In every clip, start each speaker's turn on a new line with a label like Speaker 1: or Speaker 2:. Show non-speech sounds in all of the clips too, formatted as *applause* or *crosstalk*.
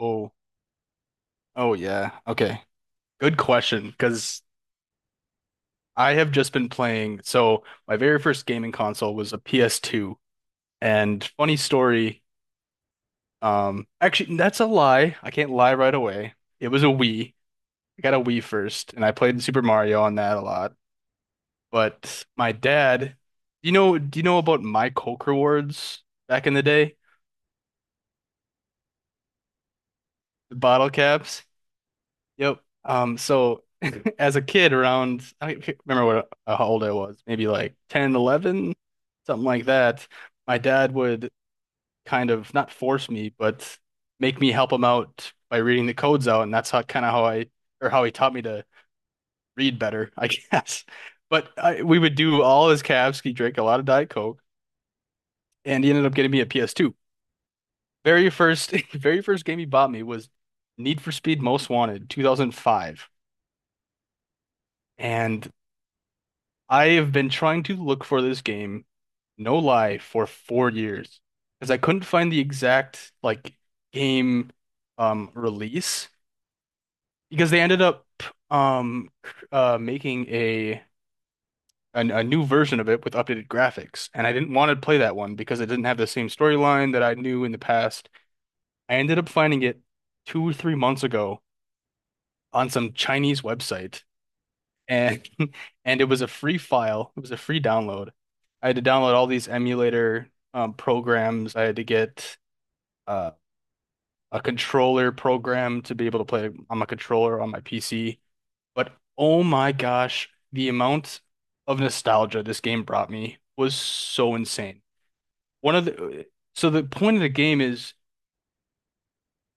Speaker 1: Oh, oh yeah. Okay. Good question, because I have just been playing. So my very first gaming console was a PS2. And funny story, actually that's a lie. I can't lie right away. It was a Wii. I got a Wii first, and I played Super Mario on that a lot. But my dad, do you know about my Coke rewards back in the day? The bottle caps? Yep. So *laughs* as a kid around, I can't remember what how old I was, maybe like 10, 11, something like that. My dad would kind of not force me, but make me help him out by reading the codes out, and that's how kind of how I or how he taught me to read better, *laughs* I guess. But we would do all his calves. He drank a lot of Diet Coke, and he ended up getting me a PS2. Very first, *laughs* very first game he bought me was Need for Speed Most Wanted, 2005. And I have been trying to look for this game, no lie, for 4 years because I couldn't find the exact like game release because they ended up making a new version of it with updated graphics, and I didn't want to play that one because it didn't have the same storyline that I knew in the past. I ended up finding it 2 or 3 months ago on some Chinese website and *laughs* and it was a free file. It was a free download. I had to download all these emulator programs. I had to get uh, a controller program to be able to play on my controller on my PC. But oh my gosh, the amount of nostalgia this game brought me was so insane. One of the so the point of the game is,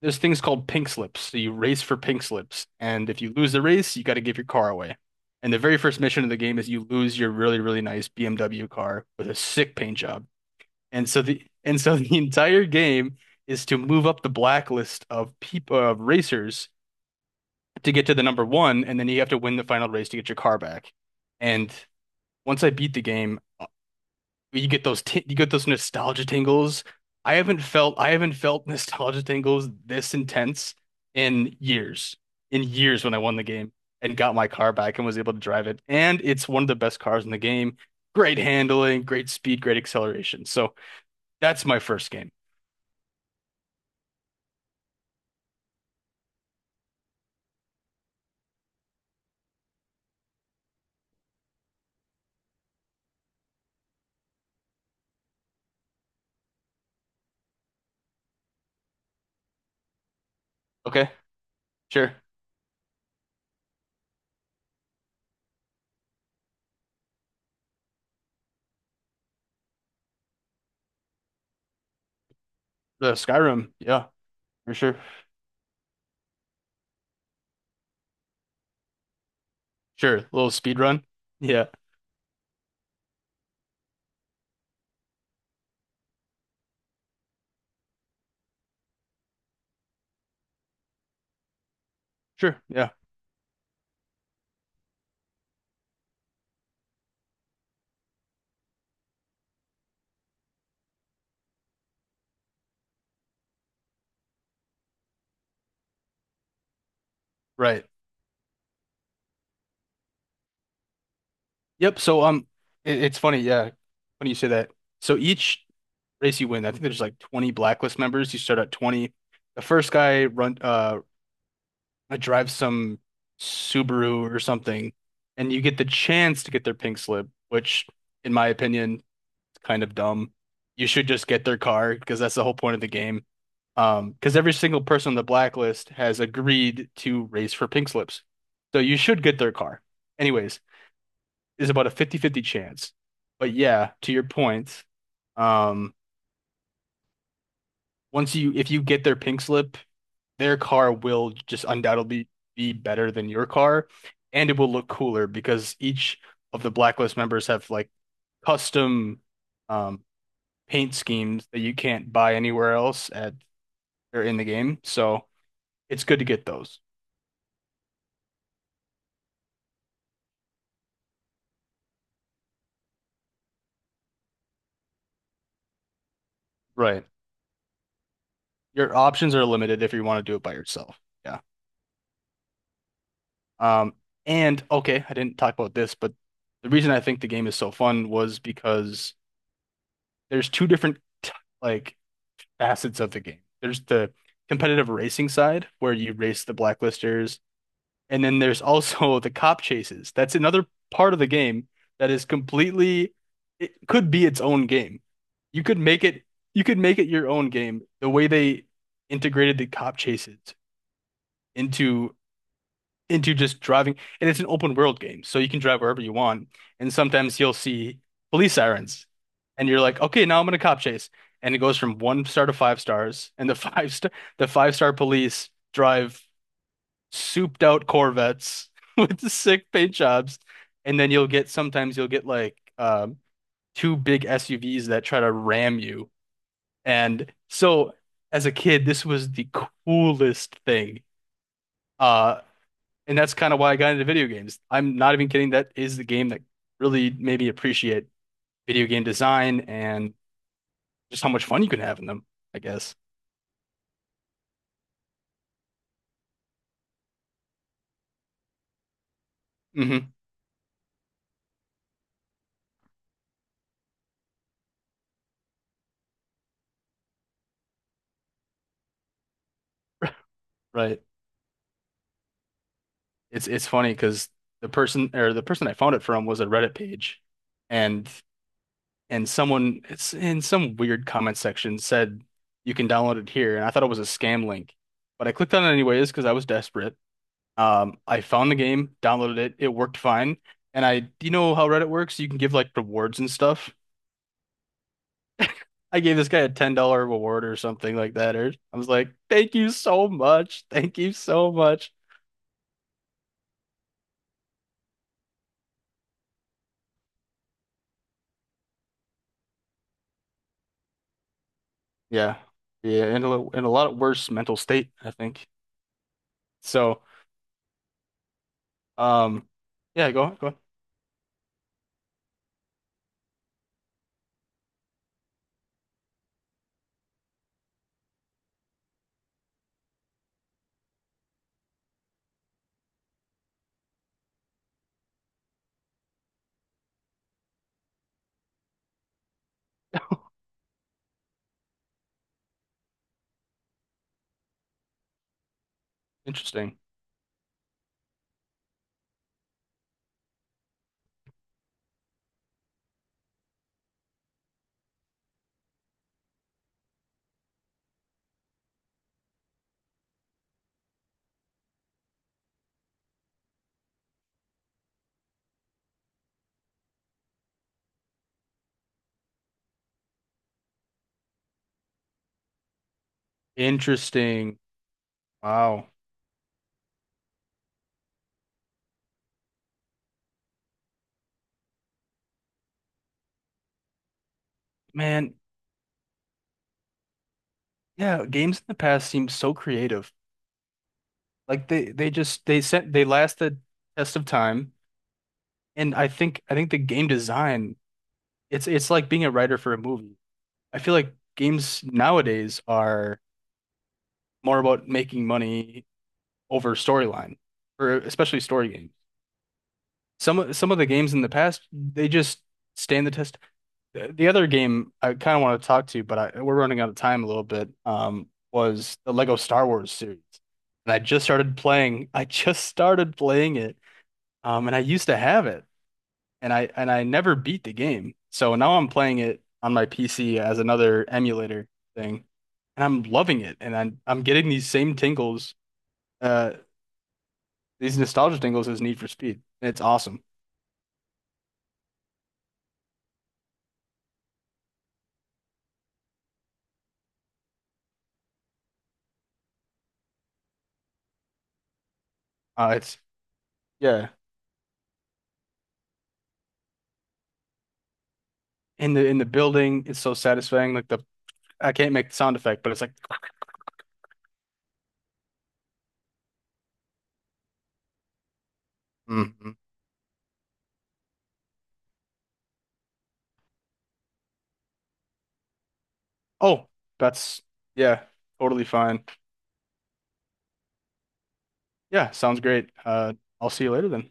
Speaker 1: there's things called pink slips. So you race for pink slips, and if you lose the race, you got to give your car away. And the very first mission of the game is you lose your really, really nice BMW car with a sick paint job. And so *laughs* the entire game is to move up the blacklist of racers to get to the number one, and then you have to win the final race to get your car back. And once I beat the game, you get those nostalgia tingles. I haven't felt *laughs* nostalgia tingles this intense in years. In years, when I won the game and got my car back and was able to drive it. And it's one of the best cars in the game. Great handling, great speed, great acceleration. So that's my first game. Okay, sure. The Skyrim, yeah, for sure. Sure. Little speed run. Yeah. Sure. Yeah. Right. Yep. So it's funny, yeah, when you say that. So each race you win. I think there's like 20 blacklist members. You start at 20. The first guy run drives some Subaru or something, and you get the chance to get their pink slip, which in my opinion is kind of dumb. You should just get their car because that's the whole point of the game. Because every single person on the blacklist has agreed to race for pink slips. So you should get their car. Anyways, is about a fifty-fifty chance. But yeah, to your point, um, once you if you get their pink slip, their car will just undoubtedly be better than your car, and it will look cooler because each of the Blacklist members have like custom um, paint schemes that you can't buy anywhere else at or in the game. So it's good to get those. Right. Your options are limited if you want to do it by yourself. Yeah. Um, and okay, I didn't talk about this, but the reason I think the game is so fun was because there's two different t- like facets of the game. There's the competitive racing side where you race the blacklisters, and then there's also *laughs* the cop chases. That's another part of the game that is completely, it could be its own game. You could make it, you could make it your own game. The way they integrated the cop chases into just driving. And it's an open world game, so you can drive wherever you want. And sometimes you'll see police sirens, and you're like, okay, now I'm in a cop chase. And it goes from one star to five stars, *laughs* and the five star police drive souped out Corvettes *laughs* with the sick paint jobs. And then you'll get sometimes you'll get like two big SUVs that try to ram you. And so as a kid, this was the coolest thing. Uh, and that's kind of why I got into video games. I'm not even kidding. That is the game that really made me appreciate video game design and just how much fun you can have in them, I guess. Hmm. Right. It's funny because the person I found it from was a Reddit page, and someone, it's in some weird comment section, said you can download it here, and I thought it was a scam link. But I clicked on it anyways because I was desperate. I found the game, downloaded it, it worked fine. And do you know how Reddit works? You can give like rewards and stuff. I gave this guy a $10 reward or something like that. Or I was like, "Thank you so much, thank you so much." Yeah, yeah, in a lot worse mental state, I think. So, um, yeah, go on, go on. Interesting, interesting. Wow, man, yeah, games in the past seem so creative. Like they just they sent they last the test of time, and I think the game design, it's like being a writer for a movie. I feel like games nowadays are more about making money over storyline, or especially story games. Some of the games in the past, they just stand the test. The other game I kind of want to talk to, but we're running out of time a little bit, was the Lego Star Wars series. And I just started playing. *laughs* I just started playing it, and I used to have it, and I never beat the game. So now I'm playing it on my PC as another emulator thing, and I'm loving it. And I'm getting these same tingles uh these nostalgia jingles is Need for Speed. It's awesome. It's yeah. In the building, it's so satisfying. Like the I can't make the sound effect, but it's like, mhm. Oh, that's yeah, totally fine. Yeah, sounds great. I'll see you later then.